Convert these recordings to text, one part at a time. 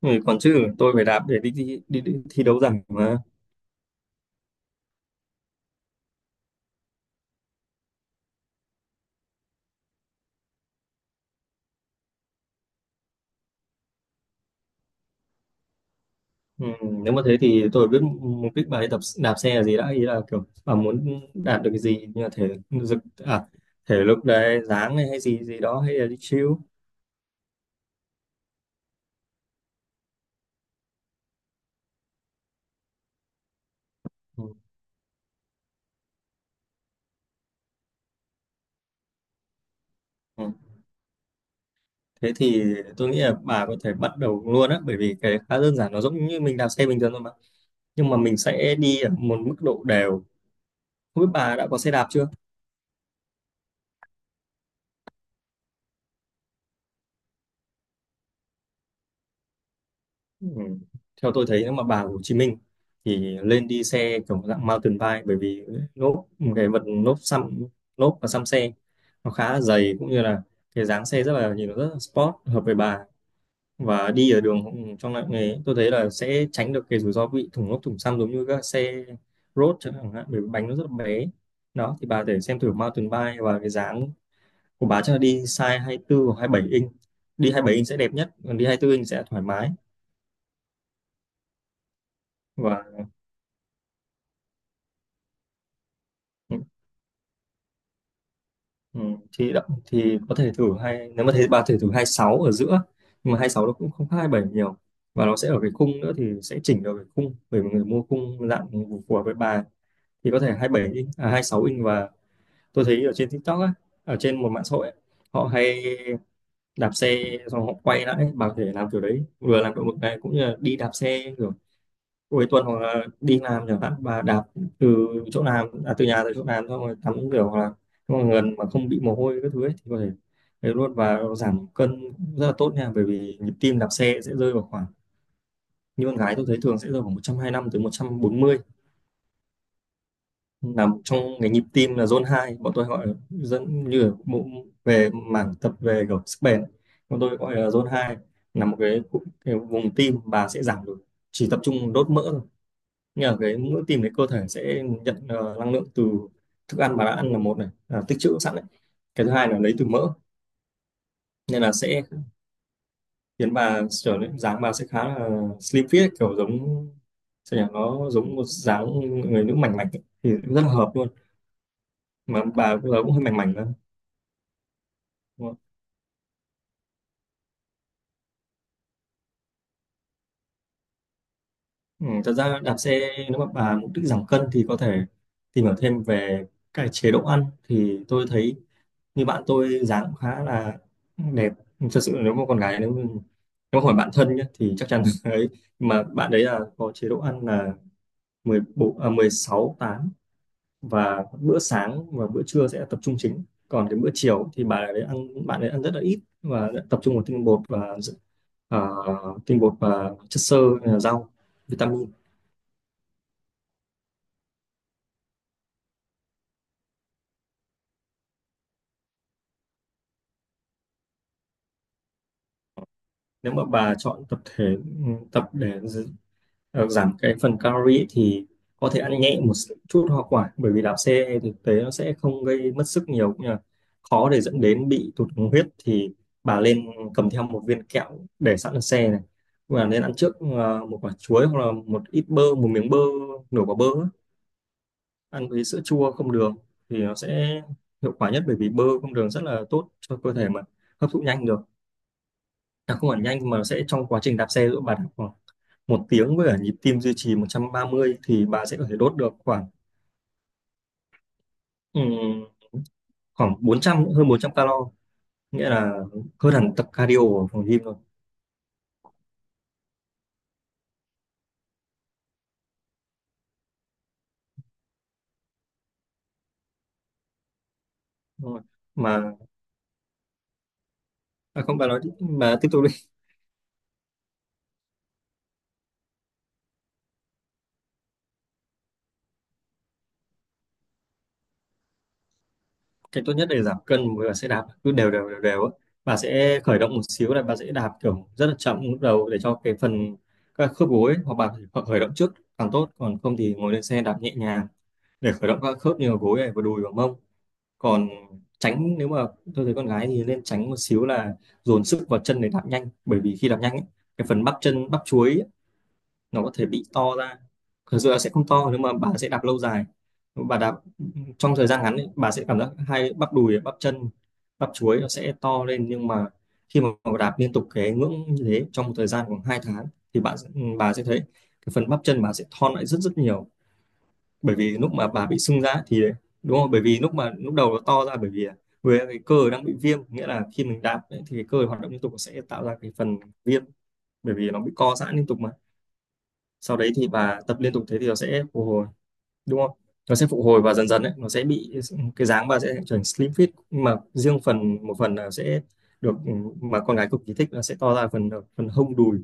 Ừ, còn chứ tôi phải đạp để đi thi đấu rằng mà ừ, nếu mà thế thì tôi biết mục đích bài tập đạp xe là gì đã, ý là kiểu à muốn đạt được cái gì như là thể lực, à, thể lực đấy dáng này hay gì gì đó hay là đi chill. ừ. ừ. Thế thì tôi nghĩ là bà có thể bắt đầu luôn á, bởi vì cái đấy khá đơn giản, nó giống như mình đạp xe bình thường thôi mà, nhưng mà mình sẽ đi ở một mức độ đều. Không biết bà đã có xe đạp chưa. Ừ. Theo tôi thấy nếu mà bà ở Hồ Chí Minh thì lên đi xe kiểu dạng mountain bike, bởi vì lốp, cái vật lốp xăm lốp và xăm xe nó khá là dày, cũng như là cái dáng xe rất là, nhìn nó rất là sport, hợp với bà. Và đi ở đường trong loại nghề tôi thấy là sẽ tránh được cái rủi ro bị thủng lốp thủng xăm giống như các xe road chẳng hạn, bởi vì bánh nó rất là bé. Đó thì bà để xem thử mountain bike, và cái dáng của bà chắc là đi size hai mươi tư hoặc 27 inch. Đi 27 inch sẽ đẹp nhất, còn đi hai mươi tư inch sẽ thoải mái và, Ừ, thì đậm thì có thể thử hai, nếu mà thấy bà có thể thử hai sáu ở giữa, nhưng mà hai sáu nó cũng không khác hai bảy nhiều. Và nó sẽ ở cái khung nữa, thì sẽ chỉnh được cái khung, bởi vì người mua khung dạng phù phù hợp với bà, thì có thể hai bảy inch à hai sáu inch. Và tôi thấy ở trên TikTok á, ở trên một mạng xã hội ấy, họ hay đạp xe xong họ quay lại ấy. Bà có thể làm kiểu đấy, vừa làm động lực này, cũng như là đi đạp xe kiểu cuối tuần hoặc là đi làm chẳng hạn, và đạp từ chỗ làm à, từ nhà tới chỗ làm xong rồi tắm rửa, hoặc là mọi người mà không bị mồ hôi các thứ ấy, thì có thể đấy luôn. Và giảm cân cũng rất là tốt nha, bởi vì nhịp tim đạp xe sẽ rơi vào khoảng, như con gái tôi thấy thường sẽ rơi vào 125 tới một trăm bốn mươi, là một trong cái nhịp tim là zone hai, bọn tôi gọi là dẫn như ở bộ về mảng tập về kiểu sức bền, bọn tôi gọi là zone hai, là một cái vùng tim bà sẽ giảm được, chỉ tập trung đốt mỡ. Nhưng mà cái mỗi tìm cái cơ thể sẽ nhận năng lượng từ thức ăn bà đã ăn là một này à, tích trữ sẵn đấy, cái thứ hai là lấy từ mỡ. Nên là sẽ khiến bà trở nên dáng, bà sẽ khá là slim fit, kiểu giống sao nhỉ, nó giống một dáng người nữ mảnh mảnh ấy. Thì rất là hợp luôn, mà bà bây giờ cũng hơi mảnh mảnh nữa, đúng không? Ừ, thật ra đạp xe nếu mà bà mục đích giảm cân thì có thể tìm hiểu thêm về cái chế độ ăn. Thì tôi thấy như bạn tôi dáng cũng khá là đẹp, thật sự, nếu mà con gái nếu mà hỏi bạn thân nhé thì chắc chắn ấy. Mà bạn đấy là có chế độ ăn là 16 tám, và bữa sáng và bữa trưa sẽ tập trung chính, còn cái bữa chiều thì bạn đấy ăn rất là ít và tập trung vào tinh bột và à, tinh bột và chất xơ, rau, vitamin. Nếu mà bà chọn tập thể, tập để giảm cái phần calorie thì có thể ăn nhẹ một chút hoa quả, bởi vì đạp xe thực tế nó sẽ không gây mất sức nhiều, cũng như là khó để dẫn đến bị tụt đường huyết. Thì bà lên cầm theo một viên kẹo để sẵn ở xe này, và nên ăn trước một quả chuối, hoặc là một ít bơ, một miếng bơ, nửa quả bơ á, ăn với sữa chua không đường, thì nó sẽ hiệu quả nhất, bởi vì bơ không đường rất là tốt cho cơ thể mà hấp thụ nhanh được. À, không hẳn nhanh, mà nó sẽ trong quá trình đạp xe, giữa bà đạp một tiếng với cả nhịp tim duy trì 130, thì bà sẽ có thể đốt được khoảng ừm, khoảng 400, hơn 400 calo, nghĩa là hơn hẳn tập cardio ở phòng gym rồi. Đúng rồi. Mà, à không bà nói đi, bà tiếp tục đi. Cái tốt nhất để giảm cân với cả sẽ đạp cứ đều đều á. Bà sẽ khởi động một xíu, là bà sẽ đạp kiểu rất là chậm lúc đầu, để cho cái phần các khớp gối, hoặc bà phải khởi khởi động trước càng tốt, còn không thì ngồi lên xe đạp nhẹ nhàng để khởi động các khớp như là gối này, và đùi và mông. Còn tránh, nếu mà, tôi thấy con gái thì nên tránh một xíu là dồn sức vào chân để đạp nhanh, bởi vì khi đạp nhanh ấy, cái phần bắp chân bắp chuối ấy, nó có thể bị to ra. Thực sự là sẽ không to, nhưng mà bà sẽ đạp lâu dài, bà đạp trong thời gian ngắn ấy, bà sẽ cảm giác hai bắp đùi bắp chân bắp chuối nó sẽ to lên. Nhưng mà khi mà bà đạp liên tục cái ngưỡng như thế trong một thời gian khoảng 2 tháng, thì bà sẽ thấy cái phần bắp chân bà sẽ thon lại rất rất nhiều, bởi vì lúc mà bà bị sưng ra thì, đúng không, bởi vì lúc đầu nó to ra bởi vì với cái cơ đang bị viêm, nghĩa là khi mình đạp ấy, thì cái cơ hoạt động liên tục sẽ tạo ra cái phần viêm, bởi vì nó bị co giãn liên tục mà. Sau đấy thì bà tập liên tục thế, thì nó sẽ phục hồi, đúng không, nó sẽ phục hồi, và dần dần ấy, nó sẽ bị cái dáng bà sẽ trở thành slim fit. Nhưng mà riêng phần, một phần là sẽ được, ừ, mà con gái cực kỳ thích, là sẽ to ra phần, phần hông đùi,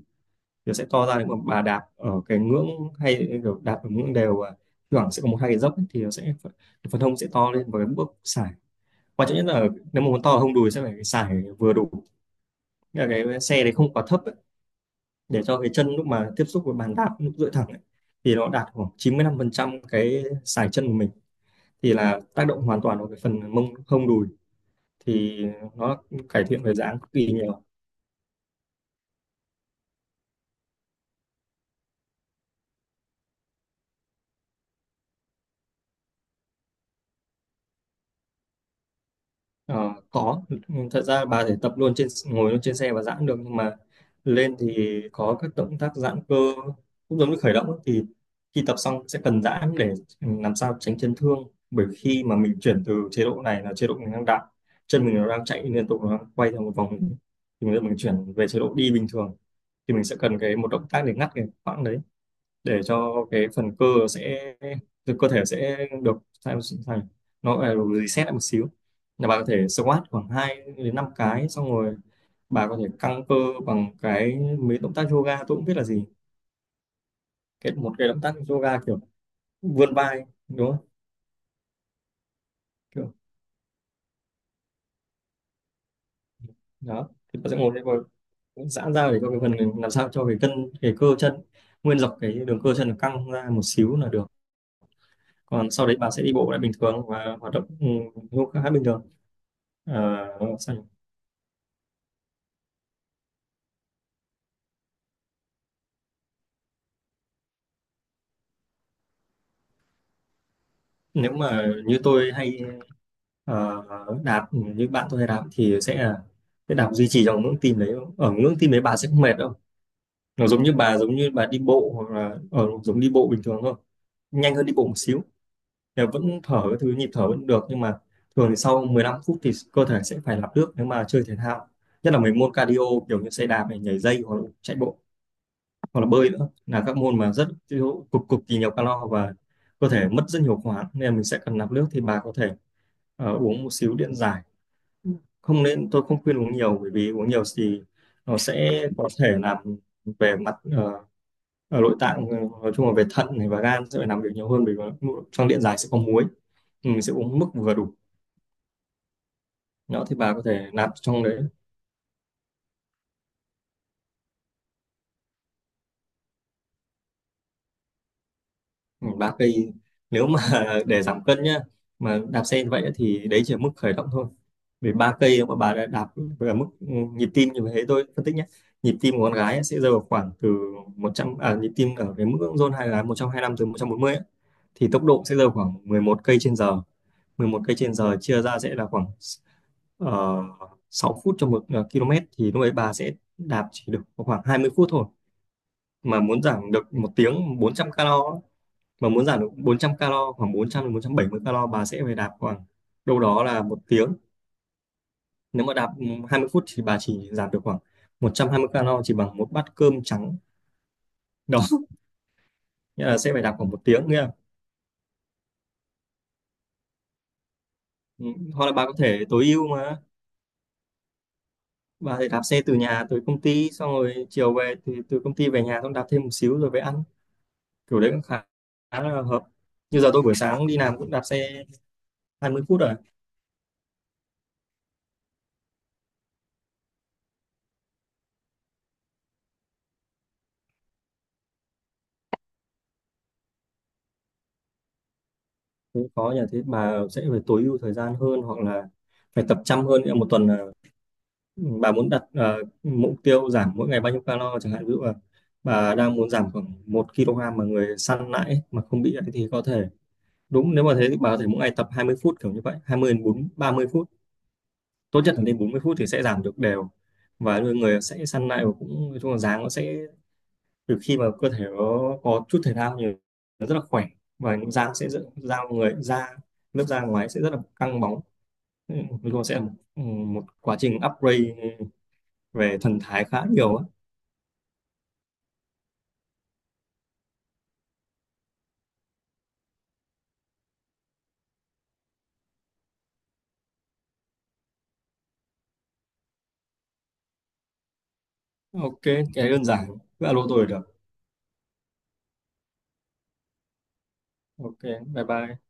nó sẽ to ra nếu mà bà đạp ở cái ngưỡng hay kiểu đạp ở ngưỡng đều, và thi thoảng sẽ có một hai cái dốc ấy, thì nó sẽ phần, phần hông sẽ to lên, và cái bước sải quan trọng nhất là, nếu mà muốn to ở hông đùi sẽ phải sải vừa đủ. Nghĩa là cái xe đấy không quá thấp ấy, để cho cái chân lúc mà tiếp xúc với bàn đạp lúc duỗi thẳng ấy, thì nó đạt khoảng 95% cái sải chân của mình, thì là tác động hoàn toàn vào cái phần mông hông đùi, thì nó cải thiện về dáng cực kỳ nhiều. Ờ, có, thật ra bà thể tập luôn trên, ngồi luôn trên xe và giãn được, nhưng mà lên thì có các động tác giãn cơ, cũng giống như khởi động ấy, thì khi tập xong sẽ cần giãn để làm sao tránh chấn thương. Bởi khi mà mình chuyển từ chế độ này là chế độ mình đang đạp, chân mình nó đang chạy liên tục, nó đang quay theo một vòng, thì bây giờ mình chuyển về chế độ đi bình thường, thì mình sẽ cần cái một động tác để ngắt cái khoảng đấy, để cho cái phần cơ sẽ từ cơ thể sẽ được sao thành, nó phải được reset lại một xíu. Là bà có thể squat khoảng 2 đến 5 cái xong rồi bà có thể căng cơ bằng cái mấy động tác yoga, tôi cũng biết là gì, cái một cái động tác yoga kiểu vươn vai đúng không, kiểu đó, thì bà sẽ ngồi lên và giãn ra để cho cái phần, làm sao cho cái cân, cái cơ chân, nguyên dọc cái đường cơ chân căng ra một xíu là được. Còn sau đấy bà sẽ đi bộ lại bình thường và hoạt động khá bình thường. Ờ, nếu mà như tôi hay ờ, đạp, như bạn tôi hay đạp, thì sẽ là cái đạp duy trì trong ngưỡng tim đấy, ở ngưỡng tim đấy bà sẽ không mệt đâu, nó giống như bà, giống như bà đi bộ hoặc là ở giống đi bộ bình thường thôi, nhanh hơn đi bộ một xíu, thì vẫn thở, cái thứ nhịp thở vẫn được. Nhưng mà thường thì sau 15 phút thì cơ thể sẽ phải lọc nước nếu mà chơi thể thao, nhất là mấy môn cardio, kiểu như xe đạp này, nhảy dây, hoặc là chạy bộ, hoặc là bơi nữa, là các môn mà cực cực kỳ nhiều calo. Và cơ thể mất rất nhiều khoáng nên mình sẽ cần nạp nước, thì bà có thể uống một xíu điện giải. Không nên, tôi không khuyên uống nhiều, bởi vì uống nhiều thì nó sẽ có thể làm về mặt ở nội tạng, nói chung là về thận này và gan sẽ phải làm việc nhiều hơn, bởi vì trong điện giải sẽ có muối. Mình sẽ uống mức vừa đủ. Đó thì bà có thể nạp trong đấy. Ừ, 3 cây, nếu mà để giảm cân nhá, mà đạp xe như vậy á, thì đấy chỉ là mức khởi động thôi. Vì 3 cây mà bà đã đạp về mức nhịp tim như thế, tôi phân tích nhé. Nhịp tim của con gái á, sẽ rơi vào khoảng từ 100, à, nhịp tim ở cái mức zone hai là 125, từ 140 á, thì tốc độ sẽ rơi vào khoảng 11 cây trên giờ. 11 cây trên giờ chia ra sẽ là khoảng 6 phút cho một km. Thì lúc ấy bà sẽ đạp chỉ được khoảng 20 phút thôi, mà muốn giảm được một tiếng 400 calo á, mà muốn giảm được 400 calo, khoảng 400 đến 470 calo, bà sẽ phải đạp khoảng đâu đó là một tiếng. Nếu mà đạp 20 phút thì bà chỉ giảm được khoảng 120 calo, chỉ bằng một bát cơm trắng. Đó, nghĩa là sẽ phải đạp khoảng một tiếng, ừ, hoặc là bà có thể tối ưu mà bà thể đạp xe từ nhà tới công ty, xong rồi chiều về thì từ công ty về nhà xong đạp thêm một xíu rồi về ăn, kiểu đấy cũng khá là hợp. Như giờ tôi buổi sáng đi làm cũng đạp xe 20 phút rồi, cũng có nhà. Thế bà sẽ phải tối ưu thời gian hơn hoặc là phải tập chăm hơn, nghĩa là một tuần là bà muốn đặt mục tiêu giảm mỗi ngày bao nhiêu calo chẳng hạn, ví dụ là bà đang muốn giảm khoảng 1 kg mà người săn lại ấy, mà không bị ấy, thì có thể đúng. Nếu mà thế thì bà có thể mỗi ngày tập 20 phút, kiểu như vậy, 20 đến 30 phút, tốt nhất là đến 40 phút thì sẽ giảm được đều. Và người người sẽ săn lại, và cũng nói chung là dáng nó sẽ từ khi mà cơ thể nó có chút thể thao nhiều, nó rất là khỏe. Và dáng sẽ da người da lớp da ngoài sẽ rất là căng bóng. Ừ, nói chung là sẽ là một quá trình upgrade về thần thái khá nhiều á. Ok, cái đơn giản, cứ alo tôi là được. Ok, bye bye.